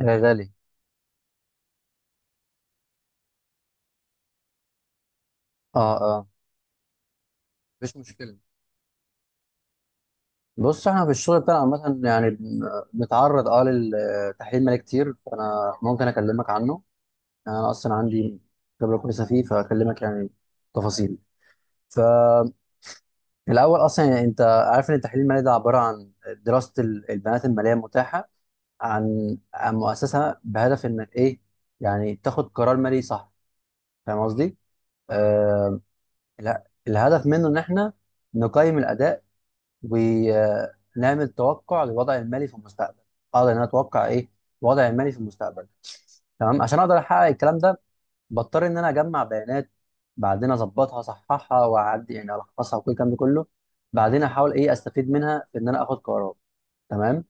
يا غالي. اه. مفيش مشكلة. بص، احنا في الشغل بتاعنا عامة يعني بنتعرض للتحليل مالي كتير، فانا ممكن اكلمك عنه. يعني انا اصلا عندي خبرة كويسة فيه، فاكلمك يعني تفاصيل. فالاول اصلا يعني انت عارف ان التحليل المالي ده عبارة عن دراسة البيانات المالية المتاحة عن مؤسسة، بهدف انك ايه، يعني تاخد قرار مالي صح. فاهم قصدي؟ آه. لا، الهدف منه ان احنا نقيم الاداء ونعمل توقع للوضع المالي في المستقبل. اقدر ان انا اتوقع ايه الوضع المالي في المستقبل. تمام، عشان اقدر احقق الكلام ده، بضطر ان انا اجمع بيانات، بعدين اظبطها اصححها واعدي يعني الخصها وكل الكلام ده كله، بعدين احاول ايه استفيد منها في ان انا اخد قرارات. تمام.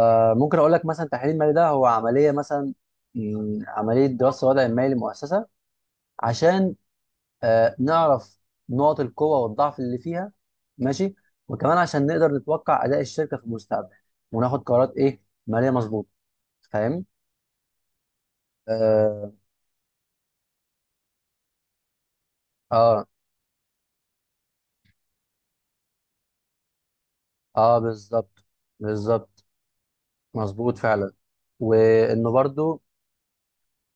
ممكن اقول لك مثلا التحليل المالي ده هو عمليه، مثلا عمليه دراسه الوضع المالي للمؤسسه، عشان نعرف نقط القوة والضعف اللي فيها. ماشي. وكمان عشان نقدر نتوقع أداء الشركة في المستقبل وناخد قرارات إيه مالية مظبوطة. فاهم؟ آه. آه آه بالظبط، بالظبط. مظبوط فعلا. وإنه برضو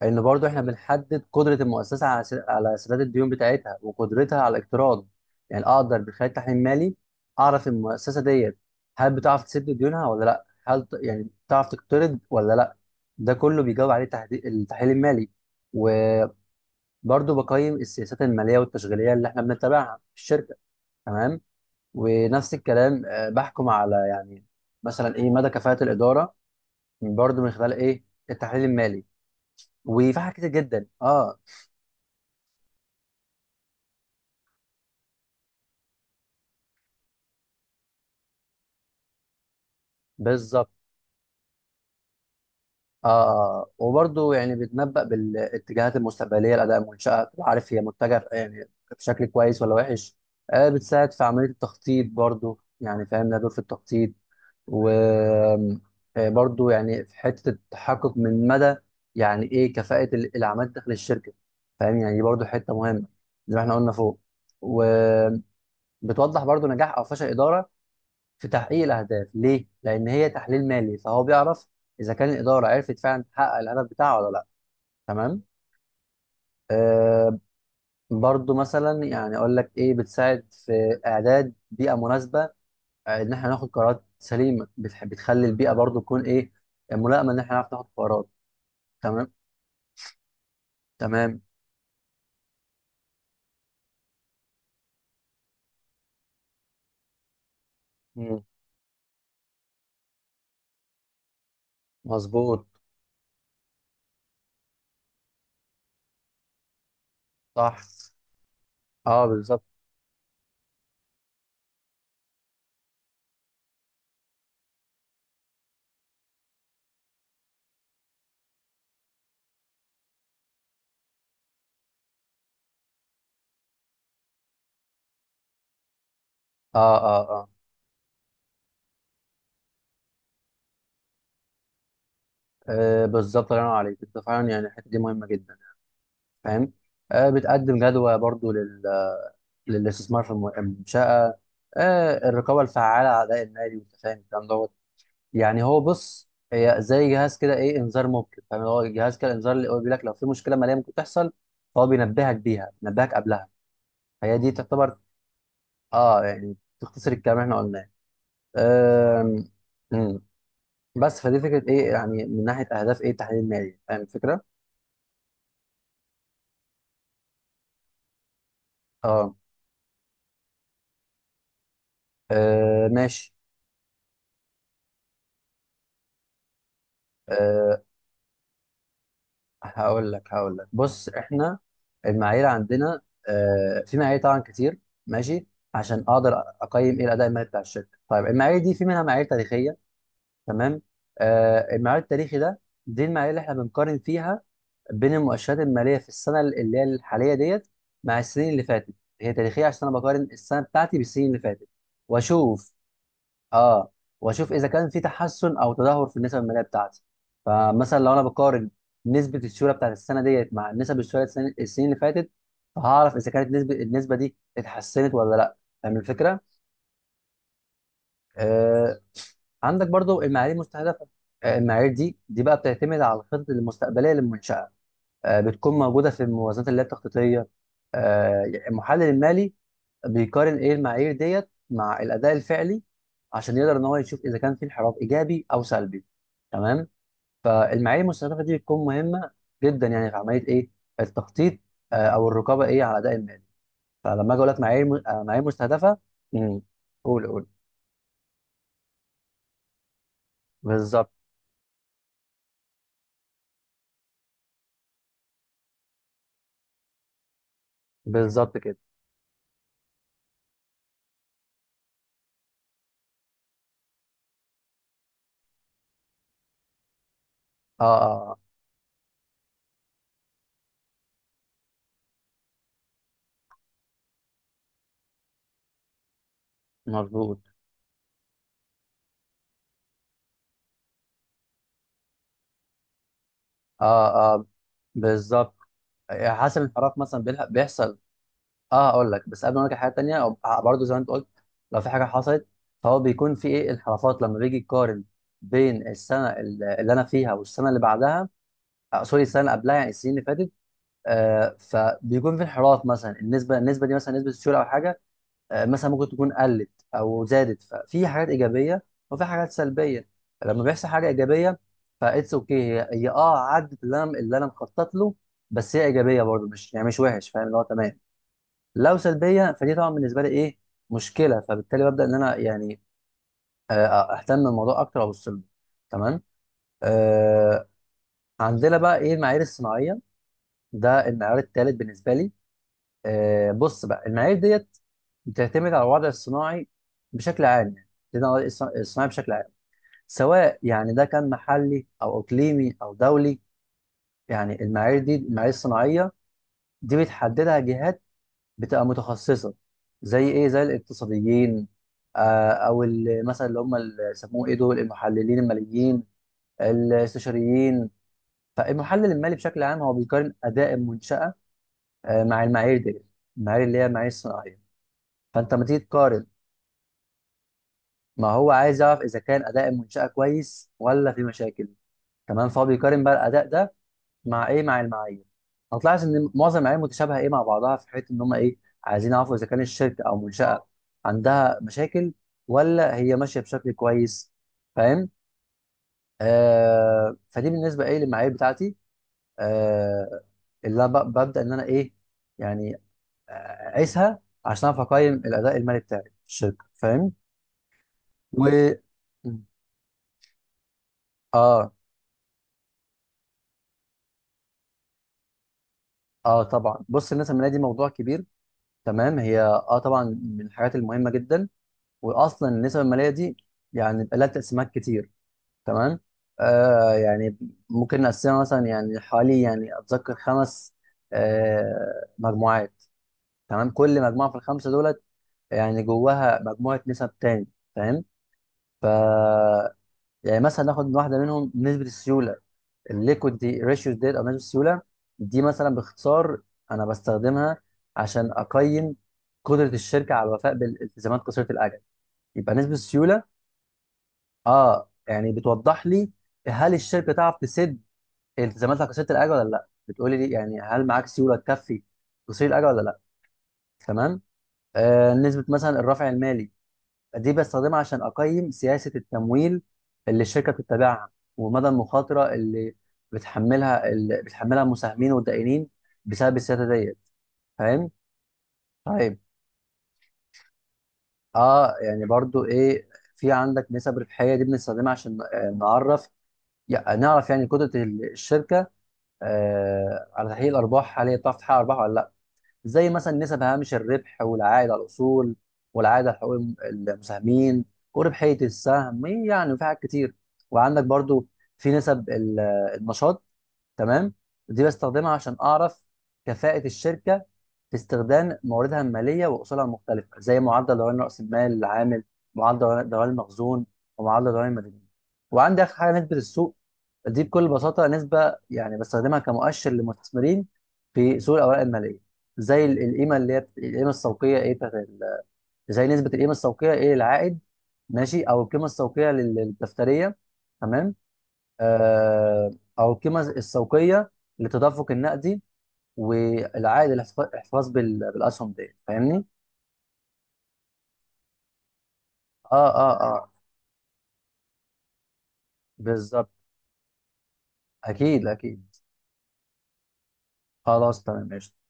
ان برضو احنا بنحدد قدره المؤسسه على على سداد الديون بتاعتها وقدرتها على الاقتراض. يعني اقدر من خلال تحليل مالي اعرف المؤسسه ديت هل بتعرف تسد ديونها ولا لا، هل يعني بتعرف تقترض ولا لا. ده كله بيجاوب عليه التحليل المالي. وبرضو بقيم السياسات الماليه والتشغيليه اللي احنا بنتبعها في الشركه. تمام. ونفس الكلام بحكم على يعني مثلا ايه مدى كفاءه الاداره، برضو من خلال ايه التحليل المالي. وفي حاجات كتير جدا. اه بالظبط. آه، وبرضه يعني بيتنبأ بالاتجاهات المستقبلية لأداء منشأة، تبقى عارف هي متجهة يعني بشكل كويس ولا وحش. آه، بتساعد في عملية التخطيط برضه، يعني فاهم لها دور في التخطيط. وبرضه يعني في حتة التحقق من مدى يعني إيه كفاءة الأعمال داخل الشركة. فاهم؟ يعني دي برضه حتة مهمة، زي ما إحنا قلنا فوق. وبتوضح برضه نجاح أو فشل إدارة في تحقيق الاهداف. ليه؟ لان هي تحليل مالي، فهو بيعرف اذا كان الاداره عرفت فعلا تحقق الهدف بتاعه ولا لا. تمام. آه، برضو مثلا يعني اقول لك ايه، بتساعد في اعداد بيئه مناسبه. ان احنا ناخد قرارات سليمه، بتخلي البيئه برضو تكون ايه ملائمه، ان احنا نعرف ناخد قرارات. تمام. تمام. مم. مظبوط. صح. اه بالظبط. اه اه اه, آه بالظبط. الله ينور عليك، انت فعلا يعني الحته دي مهمه جدا. فاهم. آه، بتقدم جدوى برضو للاستثمار في المنشأة. آه، الرقابة الفعالة على أداء النادي، وأنت فاهم الكلام دوت. يعني هو بص هي زي جهاز كده، إيه، إنذار مبكر. فاهم؟ هو جهاز كده إنذار، اللي هو بيقول لك لو في مشكلة مالية ممكن تحصل، فهو بينبهك بيها، بينبهك قبلها. فهي دي تعتبر أه يعني تختصر الكلام اللي إحنا قلناه. آم، مم. بس فدي فكرة إيه يعني من ناحية أهداف إيه التحليل المالي. فاهم الفكرة؟ أه. آه، ماشي. آه، هقول لك، هقول لك، بص احنا المعايير عندنا، في معايير طبعا كتير. ماشي. عشان اقدر اقيم ايه الاداء المالي بتاع الشركه. طيب، المعايير دي في منها معايير تاريخيه. تمام. المعايير التاريخي ده دي المعايير اللي احنا بنقارن فيها بين المؤشرات الماليه في السنه اللي هي الحاليه ديت مع السنين اللي فاتت. هي تاريخيه عشان انا بقارن السنه بتاعتي بالسنين اللي فاتت واشوف. اه. واشوف اذا كان في تحسن او تدهور في النسب الماليه بتاعتي. فمثلا لو انا بقارن نسبه السيوله بتاعت السنه ديت مع نسب السيوله السنين اللي فاتت، فهعرف اذا كانت النسبه دي اتحسنت ولا لا. فاهم الفكره. آه، عندك برضو المعايير المستهدفه. آه، المعايير دي بقى بتعتمد على الخطط المستقبليه للمنشاه. آه، بتكون موجوده في الموازنات اللي هي التخطيطيه. آه، يعني المحلل المالي بيقارن ايه المعايير ديت مع الاداء الفعلي، عشان يقدر ان هو يشوف اذا كان في انحراف ايجابي او سلبي. تمام. فالمعايير المستهدفه دي بتكون مهمه جدا يعني في عمليه ايه التخطيط، او الرقابه ايه على الاداء المالي. فلما اجي اقول لك معايير م- آه، معايير مستهدفه. امم. قول قول. بالظبط، بالظبط كده. اه اه آه، مظبوط. اه. اه بالظبط. آه، حسب الانحراف مثلا بيحصل. اه، اقول لك بس قبل ما اقول لك حاجه تانيه برضه زي ما انت قلت، لو في حاجه حصلت، فهو بيكون في ايه انحرافات لما بيجي يقارن بين اللي انا فيها والسنه اللي بعدها. آه، سوري، السنه اللي قبلها يعني السنين اللي فاتت. آه، فبيكون في انحراف، مثلا النسبه دي مثلا نسبه السيوله او حاجه، آه، مثلا ممكن تكون قلت او زادت. ففي حاجات ايجابيه وفي حاجات سلبيه. لما بيحصل حاجه ايجابيه، فاتس اوكي، هي اه عدت اللي انا، اللي انا مخطط له. بس هي ايجابيه برضه، مش يعني مش وحش، فاهم اللي هو تمام. لو سلبيه، فدي طبعا بالنسبه لي ايه مشكله، فبالتالي ببدا ان انا يعني اهتم بالموضوع اكتر وابص له. تمام. آه. عندنا بقى ايه المعايير الصناعيه. ده المعيار الثالث بالنسبه لي. آه، بص بقى المعايير ديت بتعتمد على الوضع الصناعي بشكل عام، يعني بتعتمد على الوضع الصناعي بشكل عام، سواء يعني ده كان محلي او اقليمي او دولي. يعني المعايير دي، المعايير الصناعيه، دي بتحددها جهات بتبقى متخصصه، زي ايه، زي الاقتصاديين، مثلا اللي هم اللي سموه ايه دول المحللين الماليين الاستشاريين. فالمحلل المالي بشكل عام هو بيقارن اداء المنشاه، آه، مع المعايير دي، المعايير اللي هي المعايير الصناعيه. فانت لما تيجي تقارن، ما هو عايز يعرف اذا كان اداء المنشاه كويس ولا في مشاكل. تمام، فهو بيقارن بقى الاداء ده مع ايه، مع المعايير. هتلاحظ ان معظم المعايير متشابهه ايه مع بعضها في حته ان هم ايه عايزين يعرفوا اذا كان الشركه او منشاه عندها مشاكل ولا هي ماشيه بشكل كويس. فاهم. آه، فدي بالنسبه ايه للمعايير بتاعتي، آه، اللي ببدا ان انا ايه يعني، آه، اقيسها عشان اعرف اقيم الاداء المالي بتاعي في الشركه. فاهم. و، اه. اه طبعا، بص، الناس الماليه دي موضوع كبير. تمام. هي اه طبعا من الحاجات المهمه جدا. واصلا النسب الماليه دي يعني بيبقى لها تقسيمات كتير. تمام. آه، يعني ممكن نقسمها مثلا يعني حوالي يعني اتذكر خمس، آه، مجموعات. تمام. كل مجموعه في الخمسه دولت يعني جواها مجموعه نسب تاني. فاهم. ف، يعني مثلا ناخد من واحده منهم نسبه السيوله. الليكويد دي ريشيو ديت او نسبه السيوله، دي مثلا باختصار انا بستخدمها عشان اقيم قدره الشركه على الوفاء بالالتزامات قصيره الاجل. يبقى نسبه السيوله. اه، يعني بتوضح لي هل الشركه تعرف تسد التزاماتها كسيره الاجر ولا لا، بتقولي لي يعني هل معاك سيوله تكفي تصير الاجر ولا لا. تمام. آه، نسبه مثلا الرفع المالي، دي بستخدمها عشان اقيم سياسه التمويل اللي الشركه بتتبعها، ومدى المخاطره اللي اللي بتحملها المساهمين والدائنين بسبب السياسه ديت. فاهم. طيب. اه يعني برضو ايه، في عندك نسب ربحيه، دي بنستخدمها عشان نعرف نعرف يعني قدره الشركه، على تحليل الارباح، هل هي بتعرف تحقق ارباح ولا لا. زي مثلا نسب هامش الربح، والعائد على الاصول، والعائد على حقوق المساهمين، وربحيه السهم، يعني في حاجات كتير. وعندك برضو في نسب النشاط. تمام. دي بستخدمها عشان اعرف كفاءه الشركه في استخدام مواردها الماليه واصولها المختلفه، زي معدل دوران راس المال العامل، معدل دوران المخزون، ومعدل دوران المدني. وعندي اخر حاجه نسبه السوق. دي بكل بساطة نسبة يعني بستخدمها كمؤشر للمستثمرين في سوق الأوراق المالية، زي القيمة اللي هي القيمة السوقية إيه زي نسبة القيمة السوقية إيه للعائد. ماشي. أو القيمة السوقية للدفترية. تمام. آه. أو القيمة السوقية للتدفق النقدي، والعائد الاحتفاظ بالأسهم دي. فاهمني؟ آه بالظبط. أكيد، أكيد. خلاص، تمام، ماشي.